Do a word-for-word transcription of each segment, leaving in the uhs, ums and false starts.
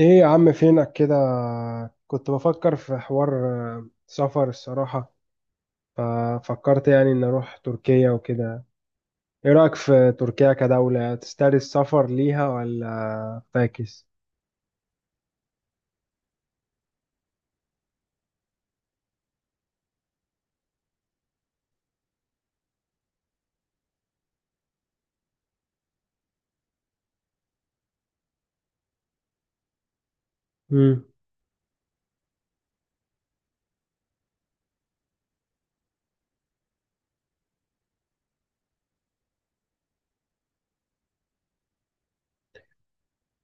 ايه يا عم، فينك كده؟ كنت بفكر في حوار، آه، سفر الصراحة. ففكرت يعني ان اروح تركيا وكده. ايه رأيك في تركيا كدولة تستاهل السفر ليها ولا فاكس؟ مم.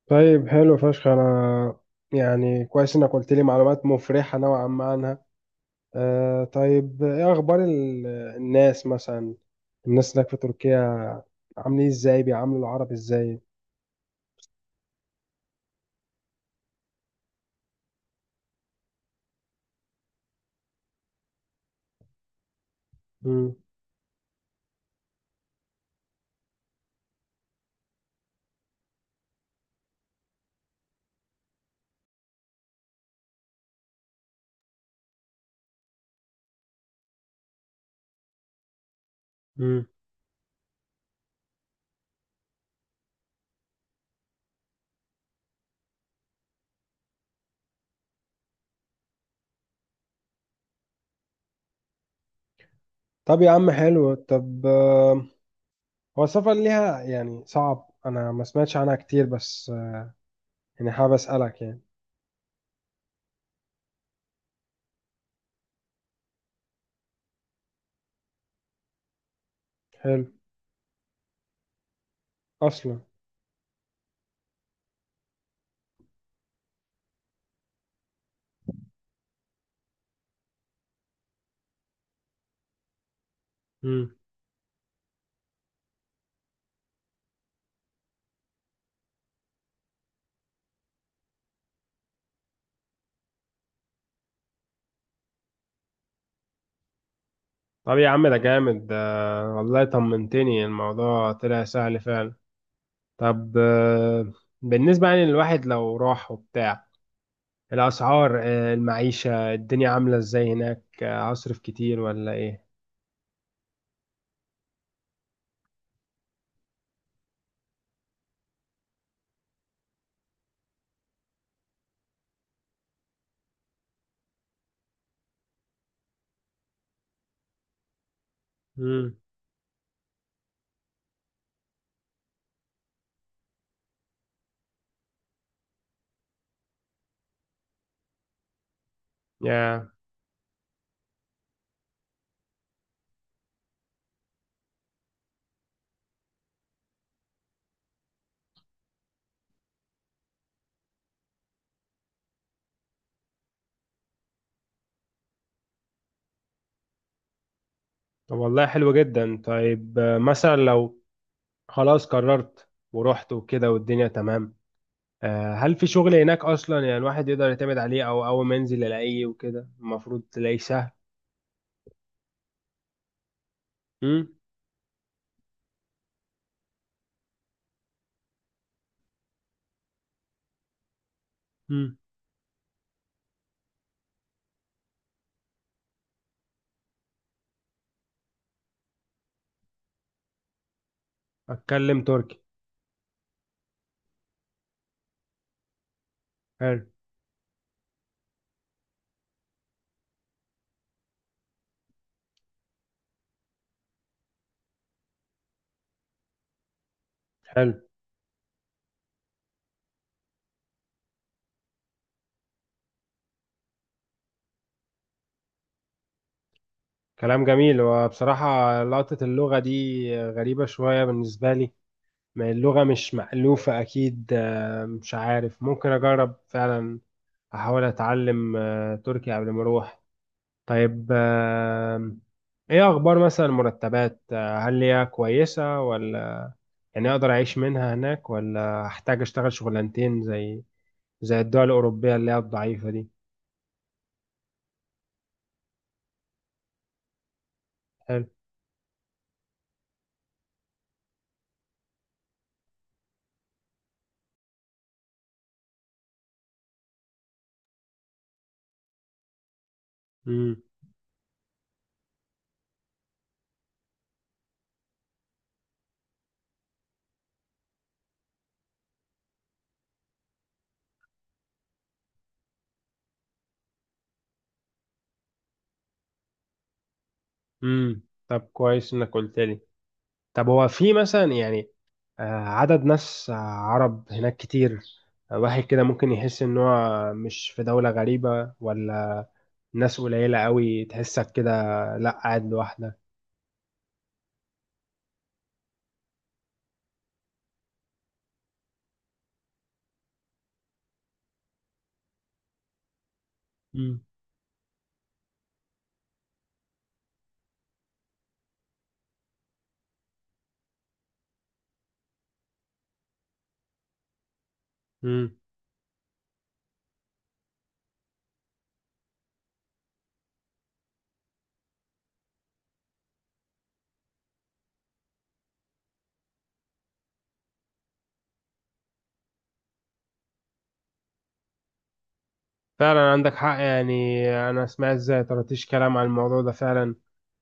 طيب حلو فشخ. انا يعني كويس انك قلت لي معلومات مفرحة نوعا ما عنها. آه طيب، ايه اخبار ال- الناس مثلا؟ الناس هناك في تركيا عاملين إيه، ازاي بيعاملوا العرب ازاي؟ مم. مم. طب يا عم حلو. طب آه، هو السفر ليها يعني صعب، انا ما سمعتش عنها كتير بس آه، يعني حابب اسالك يعني. حلو. اصلا. امم طب يا عم ده جامد ده. والله طمنتني، الموضوع طلع سهل فعلا. طب آه، بالنسبة يعني للواحد لو راح وبتاع، الأسعار آه، المعيشة الدنيا عاملة ازاي هناك؟ آه، هصرف كتير ولا ايه؟ امم يا، طب والله حلو جدا. طيب آه، مثلا لو خلاص قررت ورحت وكده والدنيا تمام، آه، هل في شغل هناك اصلا؟ يعني الواحد يقدر يعتمد عليه او اول ما ينزل يلاقيه وكده المفروض تلاقيه سهل. امم. امم. اتكلم تركي. حلو. حلو. كلام جميل، وبصراحة لقطة اللغة دي غريبة شوية بالنسبة لي. ما اللغة مش مألوفة أكيد. آه، مش عارف، ممكن أجرب فعلا. أحاول أتعلم آه، تركي قبل ما أروح. طيب آه، إيه أخبار مثلا المرتبات؟ آه، هل هي كويسة ولا؟ يعني اقدر اعيش منها هناك، ولا احتاج اشتغل شغلانتين زي زي الدول الاوروبيه اللي هي الضعيفه دي؟ حلو. امم. امم. طب كويس انك قلت لي. طب هو في مثلا يعني آه، عدد ناس آه، عرب هناك كتير؟ آه، واحد كده ممكن يحس ان هو مش في دوله غريبه، ولا ناس قليله قوي تحسك كده، لا قاعد لوحدك؟ امم. امم. فعلا عندك حق يعني. انا سمعت زي طرطيش كلام عن الموضوع ده فعلا.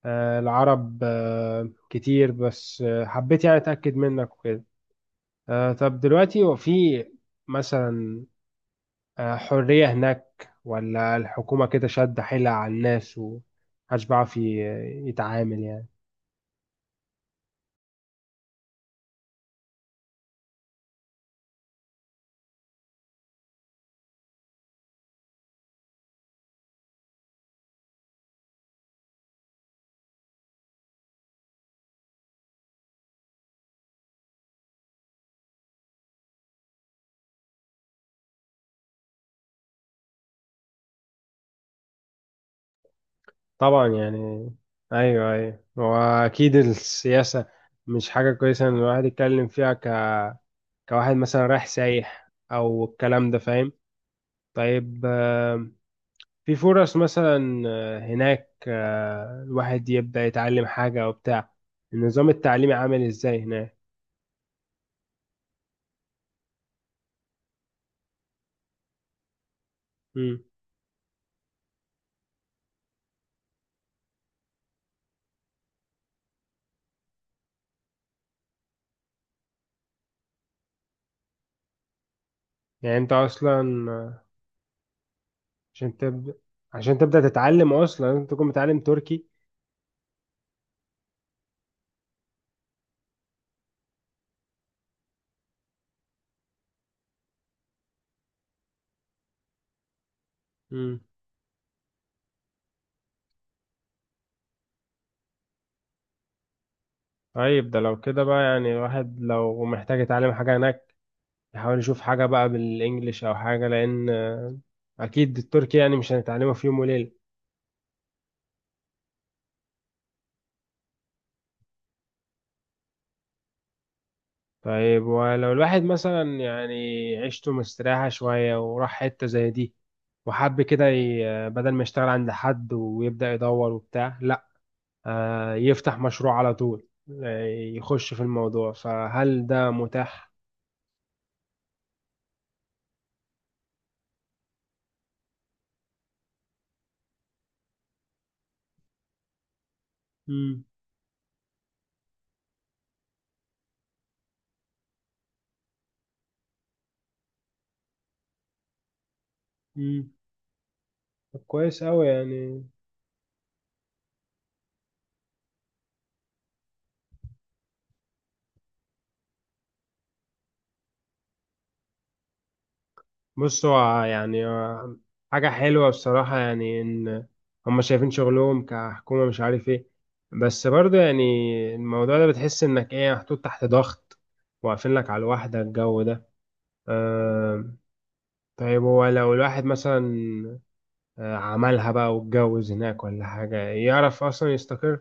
آه، العرب آه، كتير، بس آه، حبيت يعني أتأكد منك وكده. آه، طب دلوقتي هو في مثلا آه، حرية هناك، ولا الحكومة كده شادة حيلها على الناس ومحدش بيعرف ي- يتعامل يعني؟ طبعا يعني. أيوه أيوه، وأكيد السياسة مش حاجة كويسة إن الواحد يتكلم فيها ك... كواحد مثلا رايح سايح أو الكلام ده، فاهم؟ طيب آه، في فرص مثلا آه، هناك آه، الواحد يبدأ يتعلم حاجة وبتاع؟ النظام التعليمي عامل ازاي هناك؟ مم. يعني انت اصلا آه، عشان تبدأ عشان تبدأ تتعلم اصلا لازم تكون متعلم تركي. مم. طيب ده لو كده بقى، يعني الواحد لو محتاج يتعلم حاجة هناك يحاول يشوف حاجة بقى بالانجليش او حاجة، لان آه، اكيد التركي يعني مش هنتعلمه في يوم وليلة. طيب ولو الواحد مثلا يعني عيشته مستريحة شوية، وراح حتة زي دي وحب كده ي- بدل ما يشتغل عند حد ويبدأ يدور وبتاع، لا آه، يفتح مشروع على طول، آه، يخش في الموضوع، فهل ده متاح؟ مم. مم. طب كويس أوي يعني. بص هو يعني آه، حاجة حلوة بصراحة يعني إن هما شايفين شغلهم كحكومة، مش عارف إيه، بس برضه يعني الموضوع ده بتحس إنك إيه محطوط تحت ضغط، واقفين لك على الواحدة، الجو ده. آه، طيب هو لو الواحد مثلا آه، عملها بقى واتجوز هناك ولا حاجة، يعرف أصلا يستقر؟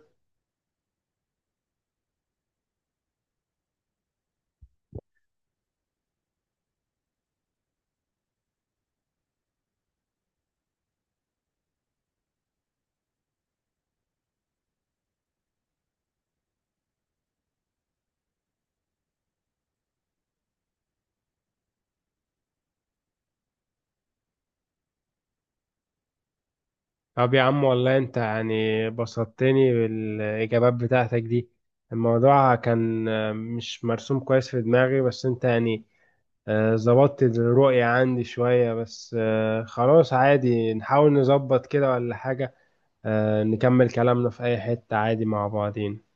طب يا عم، والله أنت يعني بسطتني بالإجابات بتاعتك دي. الموضوع كان آه، مش مرسوم كويس في دماغي، بس أنت يعني آه، ظبطت الرؤية عندي شوية، بس آه، خلاص، عادي نحاول نظبط كده ولا حاجة، آه، نكمل كلامنا في أي حتة عادي مع بعضين.